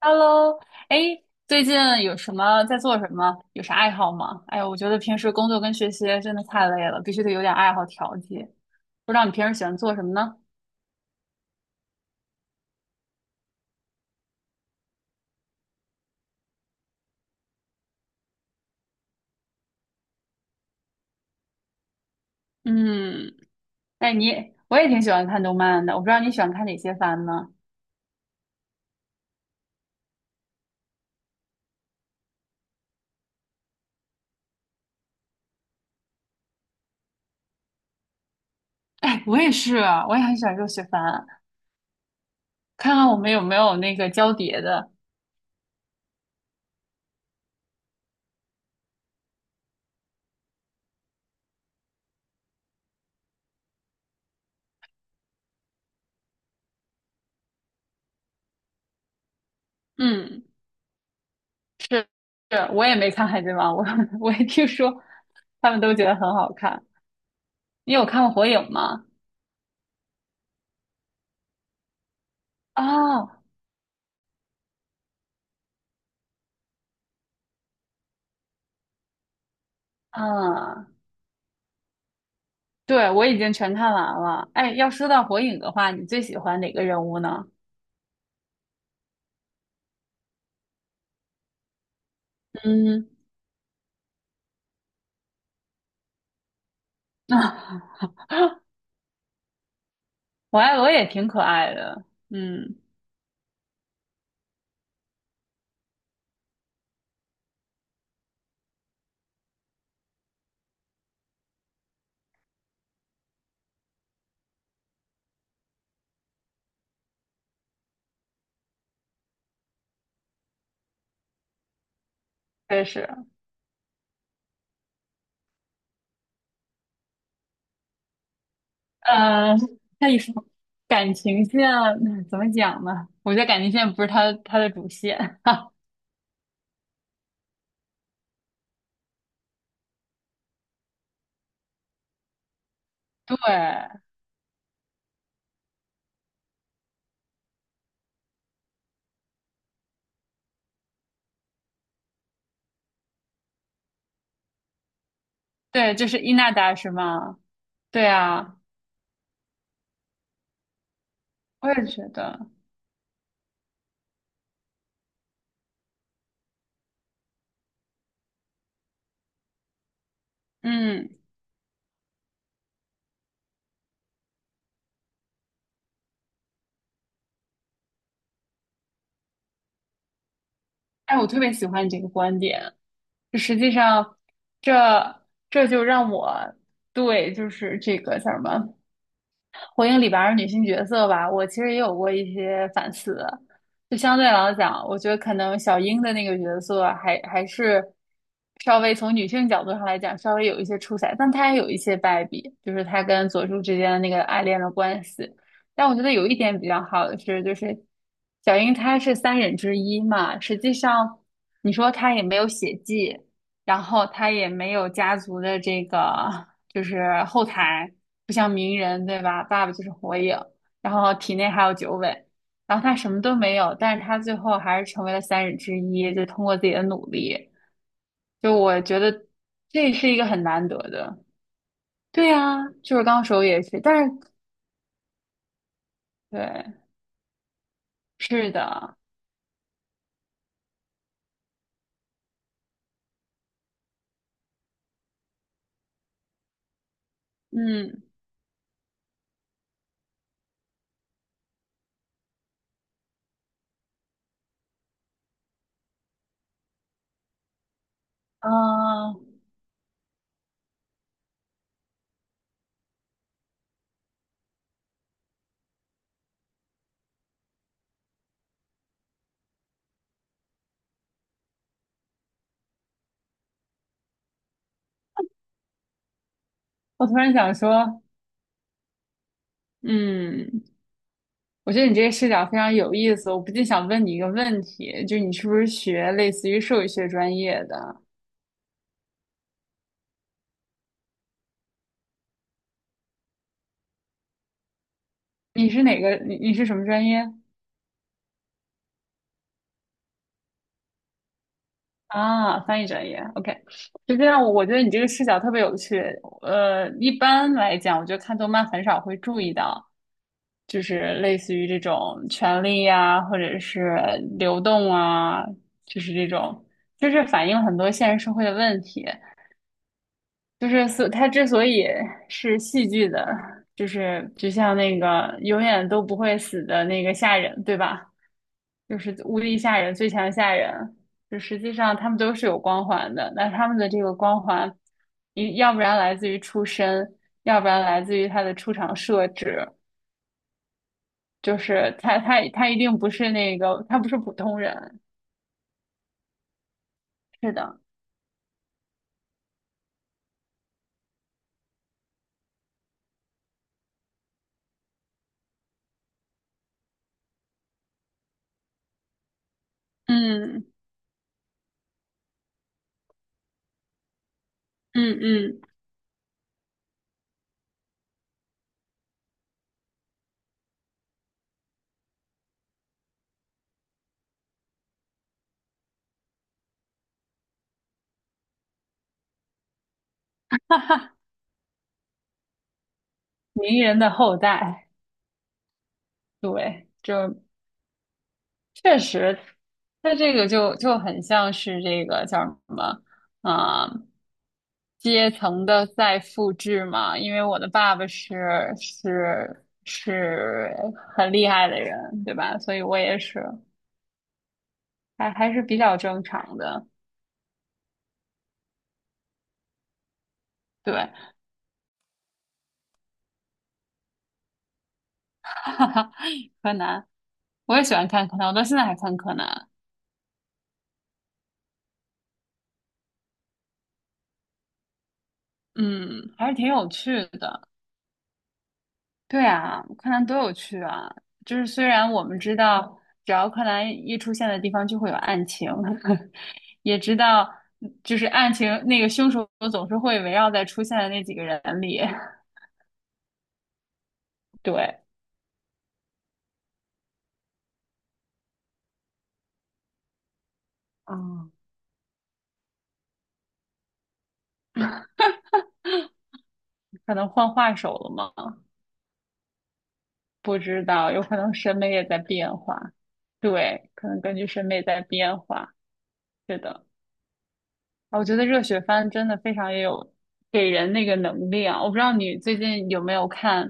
Hello，哎，最近有什么在做什么？有啥爱好吗？哎呀，我觉得平时工作跟学习真的太累了，必须得有点爱好调剂。不知道你平时喜欢做什么呢？嗯，哎，我也挺喜欢看动漫的，我不知道你喜欢看哪些番呢？哎，我也是，我也很喜欢热血番，看看我们有没有那个交叠的。嗯，是，是，我也没看《海贼王》，我 我也听说他们都觉得很好看。你有看过《火影》吗？哦，嗯。对，我已经全看完了。哎，要说到火影的话，你最喜欢哪个人物呢？嗯，我爱罗也挺可爱的，嗯，确实，嗯，他一说感情线怎么讲呢？我觉得感情线不是他的主线，对对，就是伊那达是吗？对啊，我也觉得，嗯，哎，我特别喜欢你这个观点，就实际上这这就让我对就是这个叫什么火影》里边儿女性角色吧，我其实也有过一些反思。就相对来讲，我觉得可能小樱的那个角色还是稍微从女性角度上来讲，稍微有一些出彩，但她也有一些败笔，就是她跟佐助之间的那个爱恋的关系。但我觉得有一点比较好的是，就是小樱她是三忍之一嘛，实际上你说她也没有血迹，然后她也没有家族的这个。就是后台不像鸣人对吧？爸爸就是火影，然后体内还有九尾，然后他什么都没有，但是他最后还是成为了三人之一，就通过自己的努力，就我觉得这是一个很难得的。对呀，就是刚手也是，但是对，是的，嗯啊，我突然想说，嗯，我觉得你这个视角非常有意思，我不禁想问你一个问题，就是你是不是学类似于兽医学专业的？你是哪个？你是什么专业啊？翻译专业，OK。就这样，我觉得你这个视角特别有趣。一般来讲，我觉得看动漫很少会注意到，就是类似于这种权力呀、或者是流动啊，就是这种，就是反映很多现实社会的问题。就是所它之所以是戏剧的，就是就像那个永远都不会死的那个下人，对吧？就是无敌吓人，最强吓人。就实际上他们都是有光环的，那他们的这个光环，一要不然来自于出身，要不然来自于他的出场设置，就是他一定不是那个，他不是普通人。是的，嗯嗯嗯，名人的后代，对，就确实，它这个就很像是这个叫什么啊、阶层的再复制嘛。因为我的爸爸是很厉害的人，对吧？所以我也是还是比较正常的。对，柯南，我也喜欢看柯南，我到现在还看柯南，嗯，还是挺有趣的。对啊，柯南多有趣啊！就是虽然我们知道，只要柯南一出现的地方就会有案情，也知道就是案情那个凶手总是会围绕在出现的那几个人里。对，啊，可能换画手了吗？不知道，有可能审美也在变化。对，可能根据审美在变化。是的。我觉得热血番真的非常也有给人那个能力啊！我不知道你最近有没有看，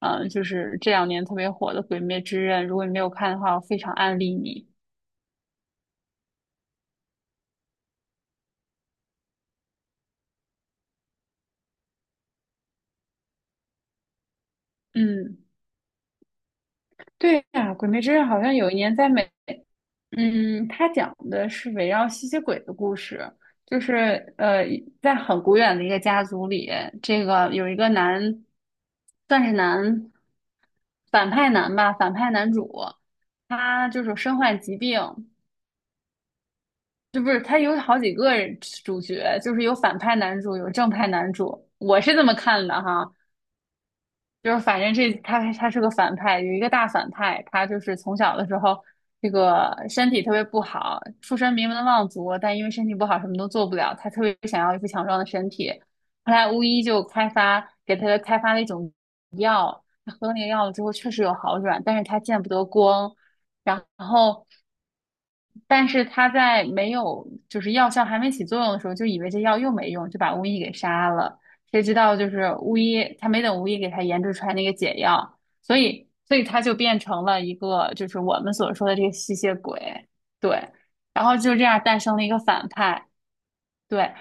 就是这两年特别火的《鬼灭之刃》。如果你没有看的话，我非常安利你。嗯，对呀、《鬼灭之刃》好像有一年在美，嗯，它讲的是围绕吸血鬼的故事，就是呃，在很古远的一个家族里，这个有一个男，算是反派男吧，反派男主，他就是身患疾病。这不是他有好几个主角，就是有反派男主，有正派男主，我是这么看的哈。就是反正这他是个反派，有一个大反派，他就是从小的时候这个身体特别不好，出身名门望族，但因为身体不好什么都做不了，他特别想要一副强壮的身体。后来巫医就给他开发了一种喝那个药了之后确实有好转，但是他见不得光，然后。但是他在没有就是药效还没起作用的时候，就以为这药又没用，就把巫医给杀了。谁知道就是巫医，他没等巫医给他研制出来那个解药，所以他就变成了一个就是我们所说的这个吸血鬼，对。然后就这样诞生了一个反派，对，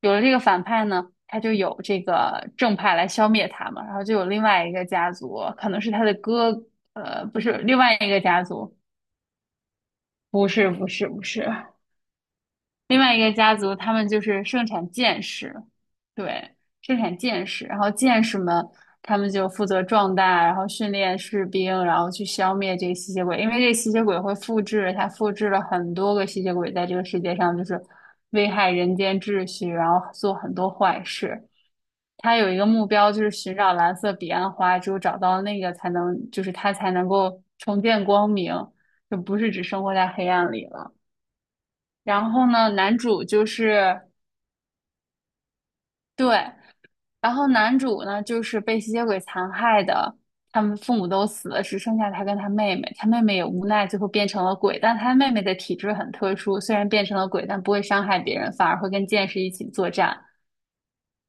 有了这个反派呢，他就有这个正派来消灭他嘛，然后就有另外一个家族，可能是他的哥，呃，不是，另外一个家族，不是，另外一个家族，他们就是盛产剑士，对，盛产剑士，然后剑士们他们就负责壮大，然后训练士兵，然后去消灭这个吸血鬼，因为这个吸血鬼会复制，他复制了很多个吸血鬼在这个世界上，就是危害人间秩序，然后做很多坏事。他有一个目标，就是寻找蓝色彼岸花，只有找到那个才能，就是他才能够重见光明，就不是只生活在黑暗里了。然后呢，男主就是对，然后男主呢就是被吸血鬼残害的，他们父母都死了，只剩下他跟他妹妹，他妹妹也无奈最后变成了鬼，但他妹妹的体质很特殊，虽然变成了鬼，但不会伤害别人，反而会跟剑士一起作战，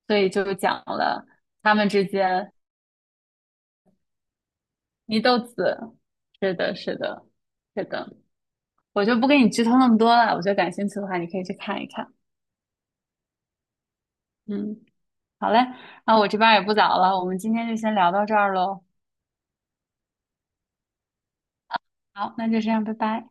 所以就讲了。他们之间祢豆子，是的，是的，是的，我就不给你剧透那么多了。我觉得感兴趣的话，你可以去看一看。嗯，好嘞，那我这边儿也不早了，我们今天就先聊到这儿喽。好，那就这样，拜拜。